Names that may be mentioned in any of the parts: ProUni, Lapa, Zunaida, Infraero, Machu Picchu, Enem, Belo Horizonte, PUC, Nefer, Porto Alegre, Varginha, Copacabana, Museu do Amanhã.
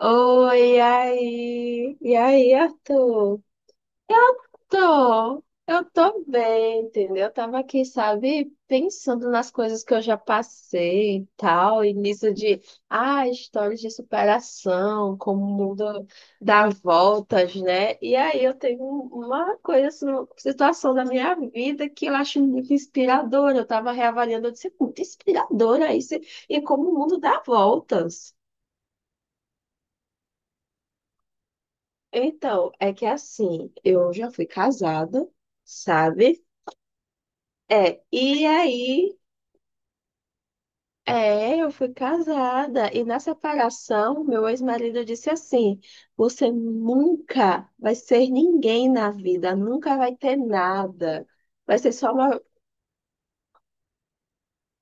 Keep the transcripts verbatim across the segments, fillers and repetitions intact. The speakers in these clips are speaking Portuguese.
Oi, e aí? E aí, Arthur? Tô, eu tô bem, entendeu? Eu tava aqui, sabe, pensando nas coisas que eu já passei e tal, e nisso de, ah, histórias de superação, como o mundo dá voltas, né? E aí eu tenho um, uma coisa, assim, uma situação da minha vida que eu acho muito inspiradora. Eu tava reavaliando, eu disse, "É muito inspiradora isso, e como o mundo dá voltas." Então, é que assim, eu já fui casada, sabe? É, e aí, é, eu fui casada, e na separação, meu ex-marido disse assim: você nunca vai ser ninguém na vida, nunca vai ter nada, vai ser só uma.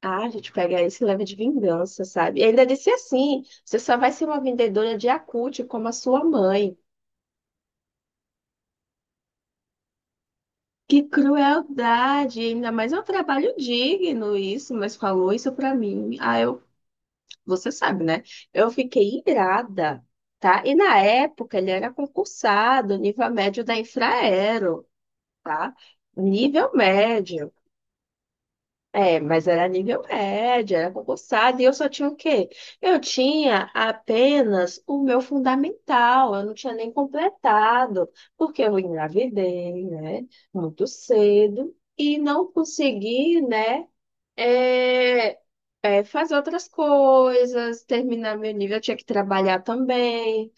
Ah, a gente pega isso e leva de vingança, sabe? E ainda disse assim: você só vai ser uma vendedora de acúte como a sua mãe. Que crueldade, ainda mais é um trabalho digno isso, mas falou isso pra mim. Ah, eu, você sabe, né? Eu fiquei irada, tá? E na época ele era concursado, nível médio da Infraero, tá? Nível médio. É, mas era nível médio, era concursado, e eu só tinha o quê? Eu tinha apenas o meu fundamental, eu não tinha nem completado, porque eu engravidei, né, muito cedo, e não consegui, né, é, é, fazer outras coisas, terminar meu nível, eu tinha que trabalhar também.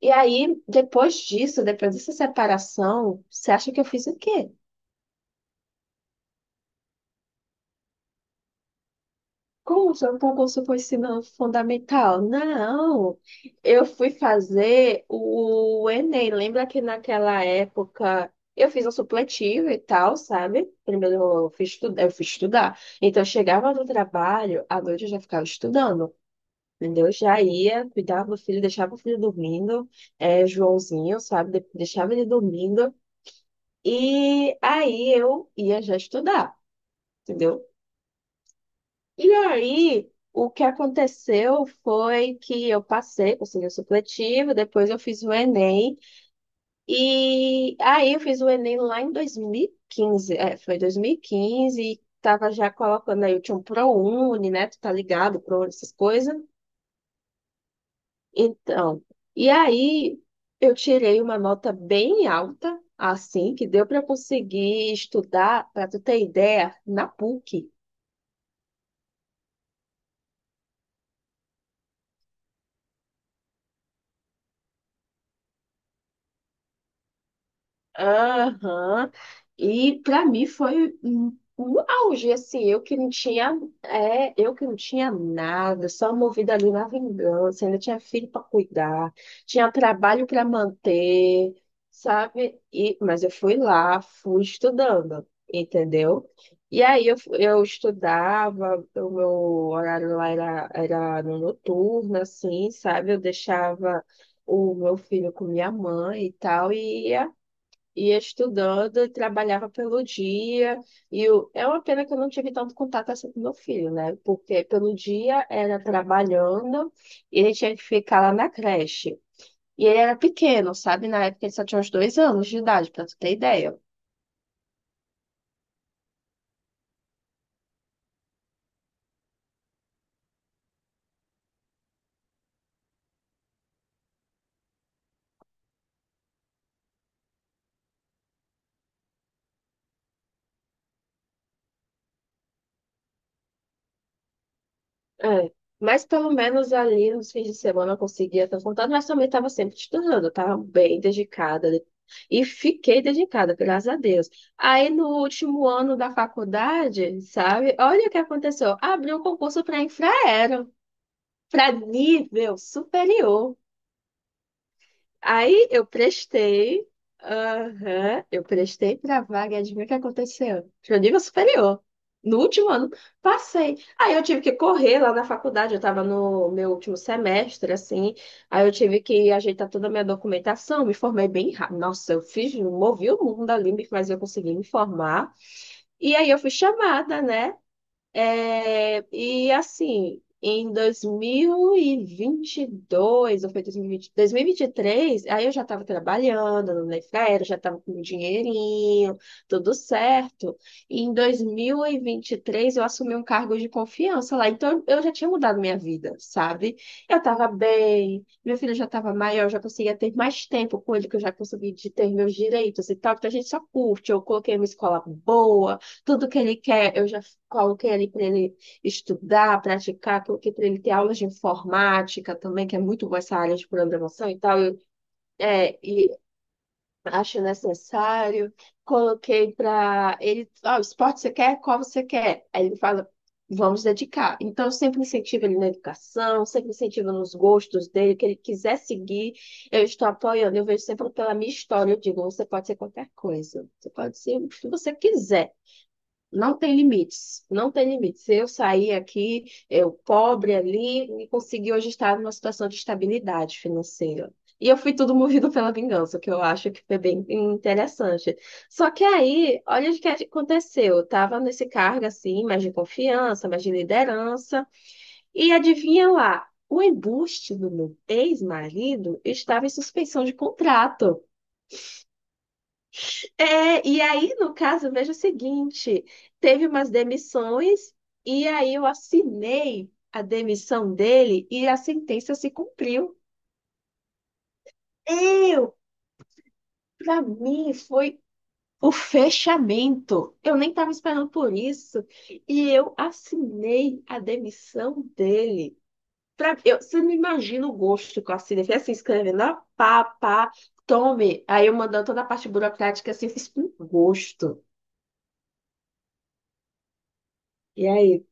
E aí, depois disso, depois dessa separação, você acha que eu fiz o quê? Como se o concurso foi ensino fundamental? Não, eu fui fazer o Enem. Lembra que naquela época eu fiz um supletivo e tal, sabe? Primeiro eu fui estudar, eu fui estudar. Então eu chegava no trabalho, à noite eu já ficava estudando, entendeu? Eu Já ia, cuidava do filho, deixava o filho dormindo, é, Joãozinho, sabe? De- Deixava ele dormindo. E aí eu ia já estudar, entendeu? E aí, o que aconteceu foi que eu passei, consegui o supletivo, depois eu fiz o Enem, e aí eu fiz o Enem lá em dois mil e quinze, é, foi dois mil e quinze, e quinze, e tava já colocando aí, eu tinha um ProUni, né, tu tá ligado, ProUni, essas coisas. Então, e aí eu tirei uma nota bem alta, assim, que deu para eu conseguir estudar, para tu ter ideia, na PUC. Aham. E para mim foi um um auge, assim, eu que não tinha, é, eu que não tinha nada, só movida ali na vingança, ainda tinha filho para cuidar, tinha trabalho para manter, sabe? E, mas eu fui lá, fui estudando, entendeu? E aí eu, fu- eu estudava, o meu horário lá era, era no noturno, assim, sabe? Eu deixava o meu filho com minha mãe e tal, e ia ia estudando, e trabalhava pelo dia, e eu, é uma pena que eu não tive tanto contato assim com meu filho, né? Porque pelo dia era trabalhando, e ele tinha que ficar lá na creche. E ele era pequeno, sabe? Na época ele só tinha uns dois anos de idade, para tu ter ideia. É, mas pelo menos ali nos fins de semana eu conseguia estar contando, mas também estava sempre estudando, eu estava bem dedicada e fiquei dedicada, graças a Deus. Aí no último ano da faculdade, sabe, olha o que aconteceu: abriu um concurso para Infraero, para nível superior. Aí eu prestei, aham, eu prestei pra vaga, e adivinha o que aconteceu? Pro nível superior. No último ano, passei. Aí eu tive que correr lá na faculdade, eu estava no meu último semestre, assim. Aí eu tive que ajeitar toda a minha documentação, me formei bem rápido. Nossa, eu fiz, movi o mundo ali, mas eu consegui me formar. E aí eu fui chamada, né? É, e assim, em dois mil e e vinte e dois ou foi dois dois mil mil vinte dois mil e vinte e três. Aí eu já estava trabalhando no Nefer, já estava com um dinheirinho, tudo certo. E em dois mil e e vinte e três eu assumi um cargo de confiança lá, então eu já tinha mudado minha vida, sabe? Eu estava bem, meu filho já estava maior, já conseguia ter mais tempo com ele, que eu já consegui de ter meus direitos e tal, porque a gente só curte, eu coloquei uma escola boa, tudo que ele quer, eu já qual que é ali para ele estudar, praticar, qual que é para ele ter aulas de informática também, que é muito boa essa área de programação e tal. Eu, é, e acho necessário. Coloquei para ele, ó, esporte você quer? Qual você quer? Aí ele fala, vamos dedicar. Então, eu sempre incentivo ele na educação, sempre incentivo nos gostos dele, o que ele quiser seguir, eu estou apoiando. Eu vejo sempre pela minha história, eu digo, você pode ser qualquer coisa, você pode ser o que você quiser. Não tem limites, não tem limites. Se eu sair aqui, eu pobre ali, e consegui hoje estar numa situação de estabilidade financeira. E eu fui tudo movido pela vingança, que eu acho que foi bem interessante. Só que aí, olha o que aconteceu. Eu estava nesse cargo assim, mais de confiança, mais de liderança, e adivinha lá, o embuste do meu ex-marido estava em suspensão de contrato. É, e aí, no caso, veja o seguinte: teve umas demissões, e aí eu assinei a demissão dele e a sentença se cumpriu. Eu, para mim, foi o fechamento. Eu nem estava esperando por isso. E eu assinei a demissão dele. Pra, eu, você não imagina o gosto que eu assinei. Foi assim, escrevendo, ó, pá, pá, tome. Aí eu mandando toda a parte burocrática assim, fiz com gosto. E aí?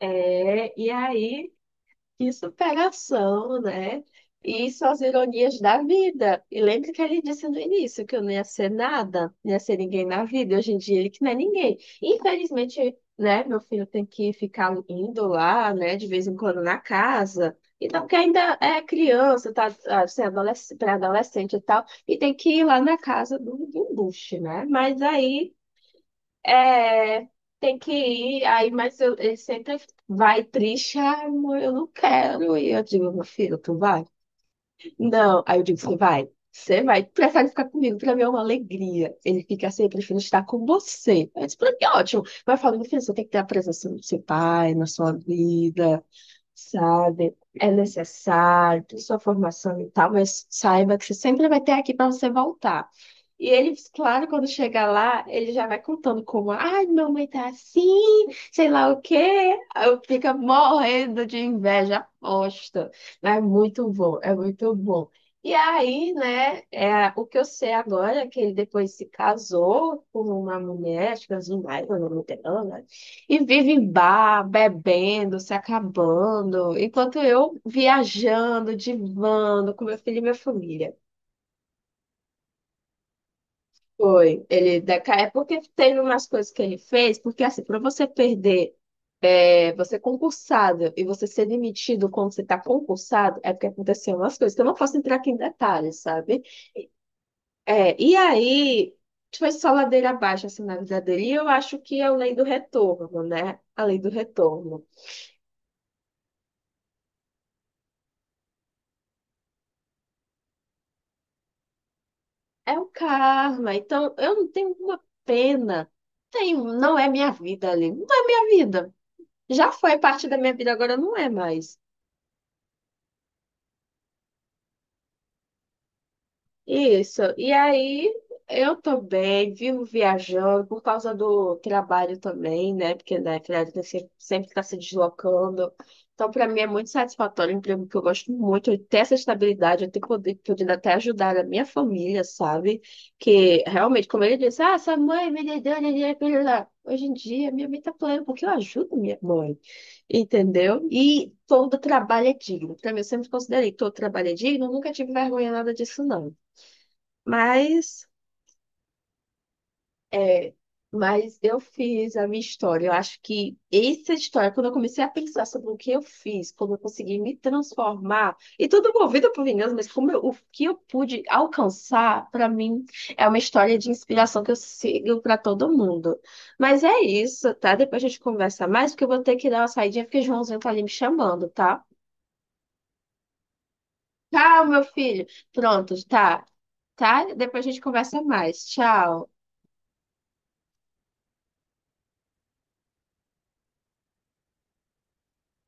É, e aí, que superação, né? E são as ironias da vida. E lembra que ele disse no início que eu não ia ser nada, não ia ser ninguém na vida. E Hoje em dia ele que não é ninguém. Infelizmente, né, meu filho tem que ficar indo lá, né, de vez em quando na casa. Então, que ainda é criança, tá, assim, adolescente, pré-adolescente e tal, e tem que ir lá na casa do, do embuste, né? Mas aí. É, tem que ir, aí, mas eu, ele sempre vai triste, ai, amor, eu não quero ir. Eu digo, meu filho, tu vai? Não. Aí eu digo, você vai? Você vai, tu prefere ficar comigo, pra mim é uma alegria. Ele fica assim, eu prefiro estar com você. Aí Eu disse, pra mim é ótimo. Mas eu falo, meu filho, você tem que ter a presença do seu pai na sua vida, sabe? É necessário, tem sua formação e tal, mas saiba que você sempre vai ter aqui pra você voltar. E ele, claro, quando chega lá, ele já vai contando como, ai, minha mãe tá assim, sei lá o quê. Aí Eu fico morrendo de inveja, aposta. Mas É muito bom, é muito bom. E aí, né, é, o que eu sei agora é que ele depois se casou com uma mulher, acho que é Zunaida, o nome dela, né? E vive em bar, bebendo, se acabando, enquanto eu viajando, divando com meu filho e minha família. Foi, ele decai, é porque teve umas coisas que ele fez, porque assim, para você perder, é, você é concursado e você ser demitido quando você está concursado, é porque aconteceu umas coisas, então eu não posso entrar aqui em detalhes, sabe? É, e aí, tipo, foi só ladeira abaixo, assim, na vida dele, e eu acho que é a lei do retorno, né? A lei do retorno. É o karma, então eu não tenho uma pena, tenho, não é minha vida ali, não é minha vida. Já foi parte da minha vida, agora não é mais. Isso. E aí eu tô bem, vivo viajando por causa do trabalho também, né? Porque, né, criança sempre está se deslocando. Então, para mim é muito satisfatório é um emprego que eu gosto muito, eu ter essa estabilidade, eu ter poder, podendo até ajudar a minha família, sabe? Que realmente, como ele disse, ah, sua mãe me deu dinheiro, blá, blá, blá. Hoje em dia, minha mãe tá plena porque eu ajudo minha mãe, entendeu? E todo trabalho é digno. Para mim, eu sempre considerei que todo trabalho é digno, eu nunca tive vergonha nada disso, não. Mas É, mas eu fiz a minha história. Eu acho que essa história, quando eu comecei a pensar sobre o que eu fiz, como eu consegui me transformar, e tudo movido por vingança, mas como eu- o que eu pude alcançar, para mim, é uma história de inspiração que eu sigo para todo mundo. Mas é isso, tá? Depois a gente conversa mais, porque eu vou ter que dar uma saidinha, porque o Joãozinho tá ali me chamando, tá? Tchau, meu filho. Pronto, tá. Tá? Depois a gente conversa mais. Tchau.